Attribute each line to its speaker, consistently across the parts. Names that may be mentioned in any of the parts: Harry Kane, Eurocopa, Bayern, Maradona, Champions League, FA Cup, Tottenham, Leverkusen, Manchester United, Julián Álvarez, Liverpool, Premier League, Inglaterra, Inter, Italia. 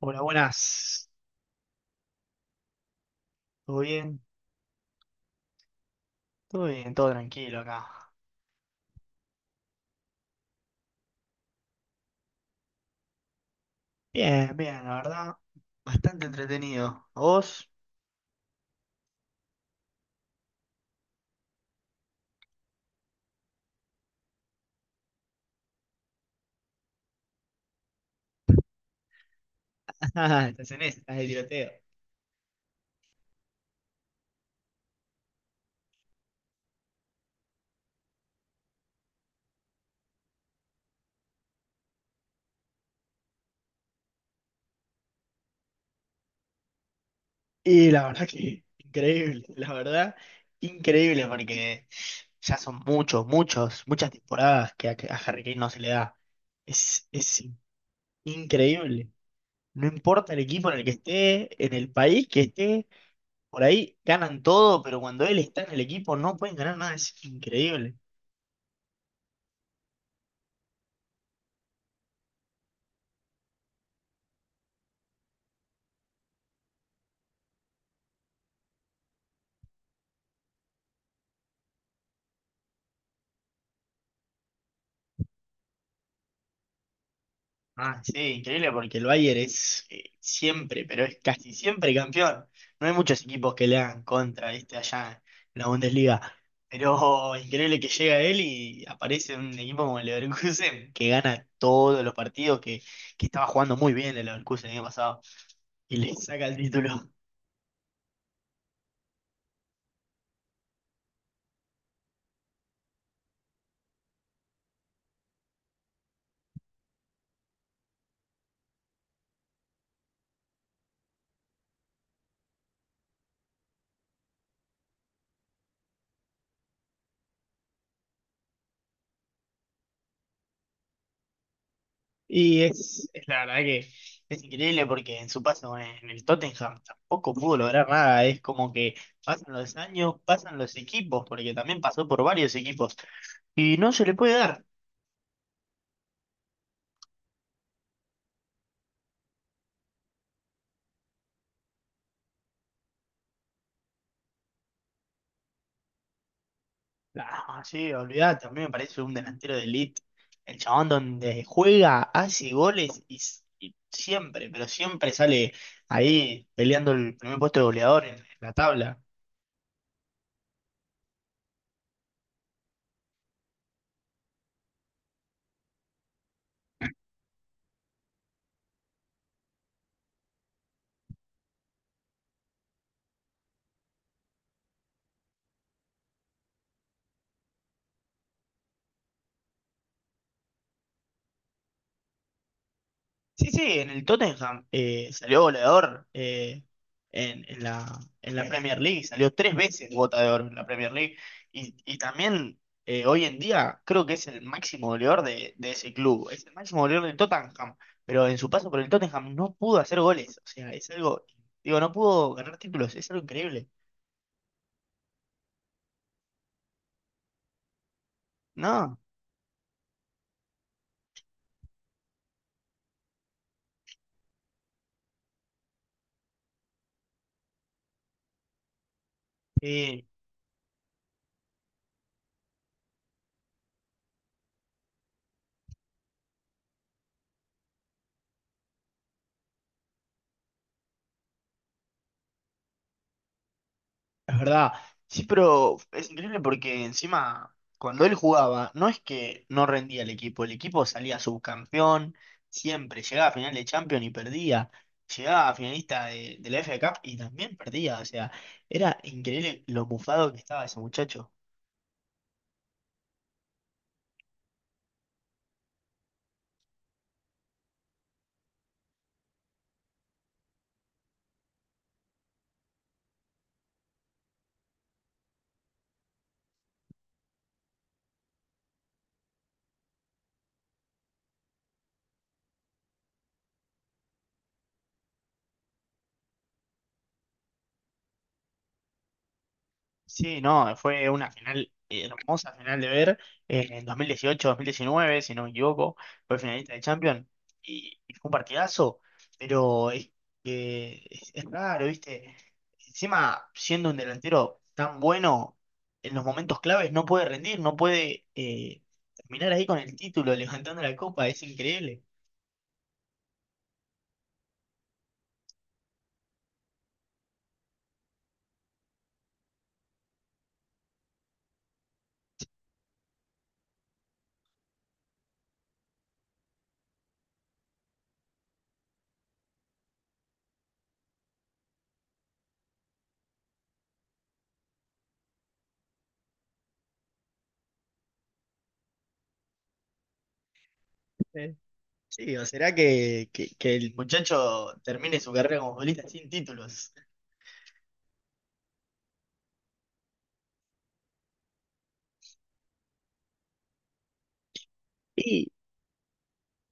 Speaker 1: Hola, buenas. ¿Todo bien? Todo bien, todo tranquilo acá. Bien, bien, la verdad. Bastante entretenido. ¿Vos? Ah, estás en esa, estás de tiroteo. Y la verdad que increíble, la verdad, increíble porque ya son muchas temporadas que a Harry Kane no se le da. Es increíble. No importa el equipo en el que esté, en el país que esté, por ahí ganan todo, pero cuando él está en el equipo no pueden ganar nada. Es increíble. Ah, sí, increíble porque el Bayern es siempre, pero es casi siempre campeón. No hay muchos equipos que le hagan contra este allá en la Bundesliga. Pero increíble que llega él y aparece un equipo como el Leverkusen que gana todos los partidos, que estaba jugando muy bien el Leverkusen el año pasado y le saca el título. Y es la verdad que es increíble porque en su paso en el Tottenham tampoco pudo lograr nada. Es como que pasan los años, pasan los equipos, porque también pasó por varios equipos. Y no se le puede dar. Ah, sí, olvidate, a mí me parece un delantero de elite. El chabón donde juega, hace goles y, y siempre, pero siempre sale ahí peleando el primer puesto de goleador en la tabla. Sí, sí, en el Tottenham salió goleador en la Premier League, salió tres veces bota de oro en la Premier League y también hoy en día creo que es el máximo goleador de ese club, es el máximo goleador del Tottenham, pero en su paso por el Tottenham no pudo hacer goles, o sea, es algo, digo, no pudo ganar títulos, es algo increíble, ¿no? Eh, Es verdad. Sí, pero es increíble porque encima, cuando él jugaba, no es que no rendía el equipo salía subcampeón, siempre, llegaba a final de Champions y perdía, llegaba a finalista de la FA Cup y también perdía, o sea, era increíble lo mufado que estaba ese muchacho. Sí, no, fue una final hermosa final de ver en 2018-2019, si no me equivoco, fue finalista de Champions y fue un partidazo, pero que es raro, ¿viste? Encima, siendo un delantero tan bueno, en los momentos claves no puede rendir, no puede terminar ahí con el título, levantando la copa, es increíble. Sí. Sí, o será que el muchacho termine su carrera como futbolista sin títulos. Y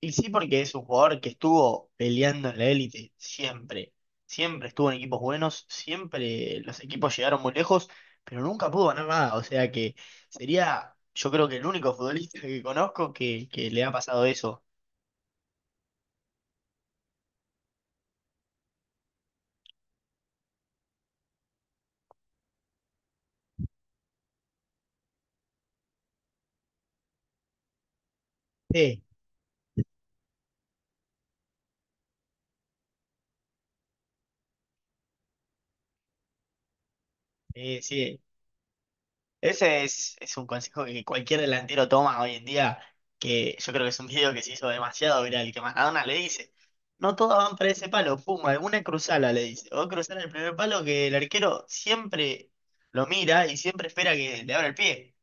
Speaker 1: Y sí, porque es un jugador que estuvo peleando en la élite siempre. Siempre estuvo en equipos buenos, siempre los equipos llegaron muy lejos, pero nunca pudo ganar nada. O sea que sería, yo creo que el único futbolista que conozco que le ha pasado eso. Sí, sí. Ese es un consejo que cualquier delantero toma hoy en día, que yo creo que es un video que se hizo demasiado viral, que Maradona le dice, no todas van para ese palo, pum, alguna cruzala, le dice, o cruzar el primer palo que el arquero siempre lo mira y siempre espera que le abra el pie.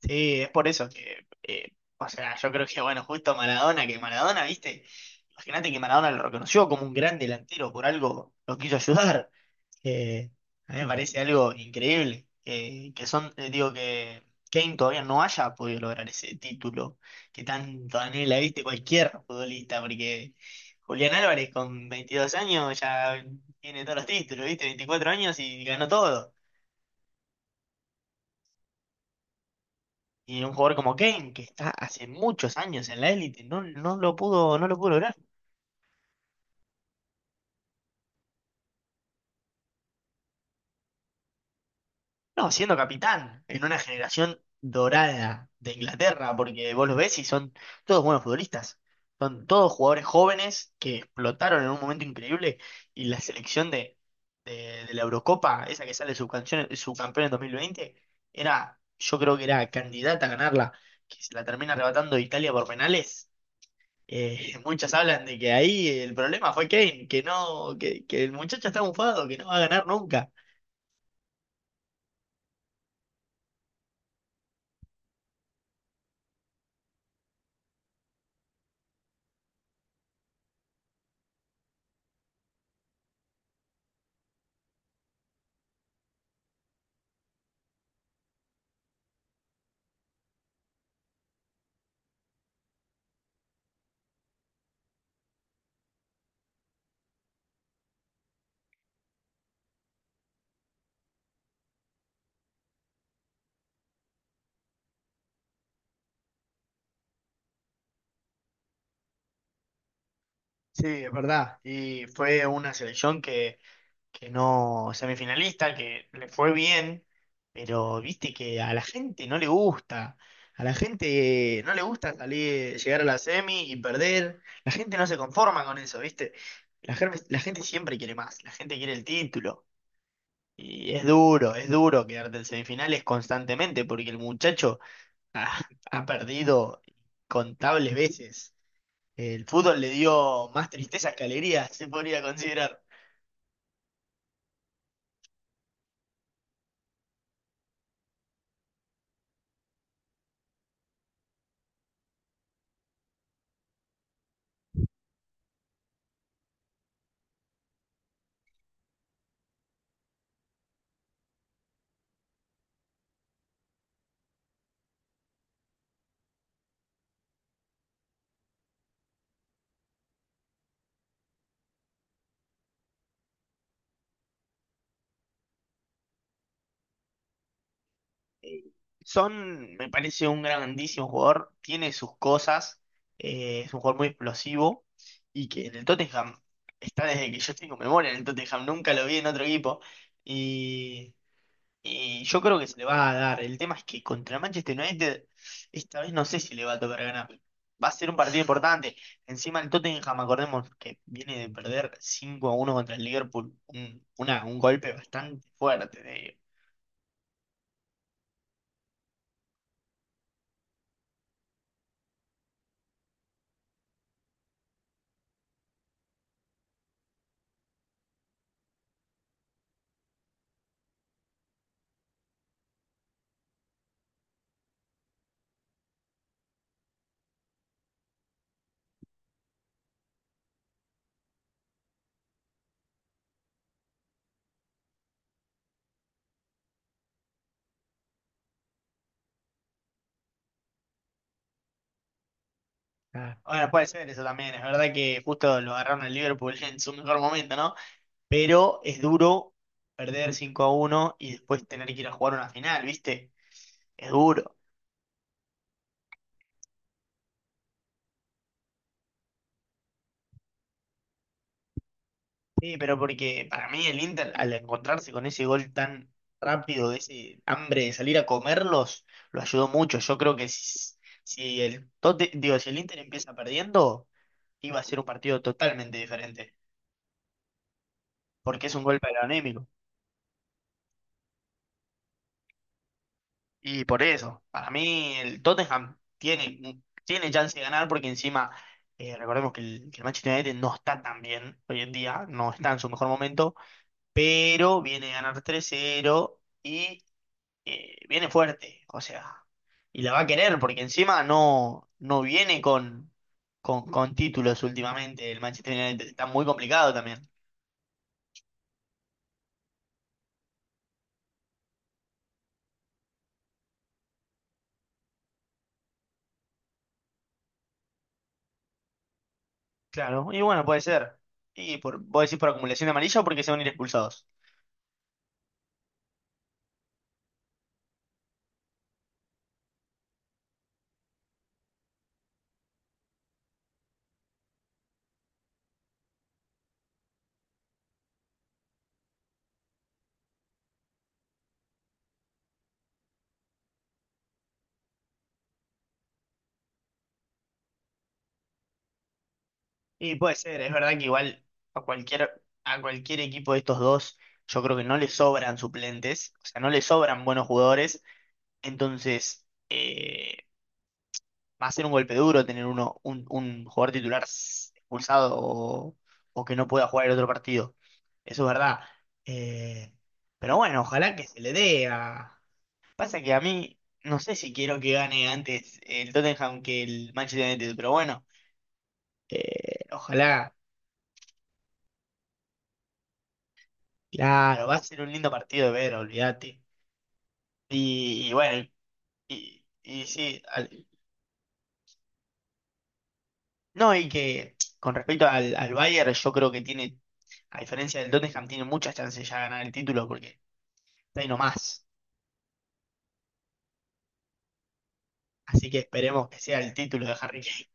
Speaker 1: Sí, es por eso que, o sea, yo creo que, bueno, justo Maradona, que Maradona, viste, imagínate que Maradona lo reconoció como un gran delantero, por algo lo quiso ayudar. Eh, a mí me parece algo increíble que, son, digo que Kane todavía no haya podido lograr ese título que tanto anhela, viste, cualquier futbolista, porque Julián Álvarez con 22 años ya tiene todos los títulos, viste, 24 años y ganó todo. Y un jugador como Kane, que está hace muchos años en la élite, no lo pudo lograr. No, siendo capitán en una generación dorada de Inglaterra, porque vos lo ves y son todos buenos futbolistas. Son todos jugadores jóvenes que explotaron en un momento increíble y la selección de, de la Eurocopa, esa que sale subcampeón, subcampeón en 2020, era, yo creo que era candidata a ganarla, que se la termina arrebatando Italia por penales. Muchas hablan de que ahí el problema fue Kane, que no, que el muchacho está bufado, que no va a ganar. Sí, es verdad. Y fue una selección que no semifinalista, que le fue bien, pero viste que a la gente no le gusta. A la gente no le gusta salir, llegar a la semi y perder. La gente no se conforma con eso, ¿viste? La gente siempre quiere más, la gente quiere el título. Y es duro quedarte en semifinales constantemente porque el muchacho ha, ha perdido contables veces. El fútbol le dio más tristezas que alegrías, se podría considerar. Eh, Son, me parece un grandísimo jugador, tiene sus cosas, es un jugador muy explosivo y que en el Tottenham está desde que yo tengo memoria en el Tottenham, nunca lo vi en otro equipo. Y Y yo creo que se le va a dar. El tema es que contra Manchester United, esta vez no sé si le va a tocar ganar. Va a ser un partido importante. Encima el Tottenham, acordemos que viene de perder 5-1 contra el Liverpool. Un golpe bastante fuerte, te digo. Ah, bueno, puede ser eso también. Es verdad que justo lo agarraron al Liverpool en su mejor momento, ¿no? Pero es duro perder 5-1 y después tener que ir a jugar una final, ¿viste? Es duro. Sí, pero porque para mí el Inter, al encontrarse con ese gol tan rápido, ese hambre de salir a comerlos, lo ayudó mucho. Yo creo que si el Inter empieza perdiendo, iba a ser un partido totalmente diferente, porque es un golpe anímico. Y por eso, para mí el Tottenham tiene, tiene chance de ganar porque encima, recordemos que el Manchester United no está tan bien hoy en día, no está en su mejor momento, pero viene a ganar 3-0 y viene fuerte, o sea, y la va a querer porque encima no viene con títulos últimamente, el Manchester United está muy complicado también. Claro, y bueno, puede ser. Y vos decís por acumulación de amarilla o porque se van a ir expulsados. Y puede ser, es verdad que igual a cualquier equipo de estos dos, yo creo que no le sobran suplentes, o sea, no le sobran buenos jugadores, entonces... va a ser un golpe duro tener un jugador titular expulsado o que no pueda jugar el otro partido. Eso es verdad. Eh, pero bueno, ojalá que se le dé a... Pasa que a mí no sé si quiero que gane antes el Tottenham que el Manchester United, pero bueno, ojalá. Claro, va a ser un lindo partido de ver, olvídate. Y, y bueno, y, y sí, al- No, y que con respecto al Bayern, yo creo que tiene, a diferencia del Tottenham, tiene muchas chances ya de ganar el título porque está ahí nomás. Así que esperemos que sea el título de Harry Kane.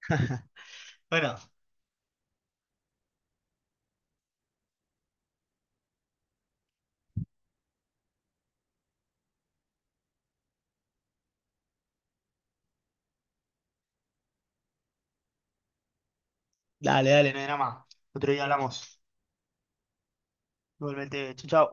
Speaker 1: Bueno, dale, dale, no hay drama. Otro día hablamos. Igualmente, chau, chau.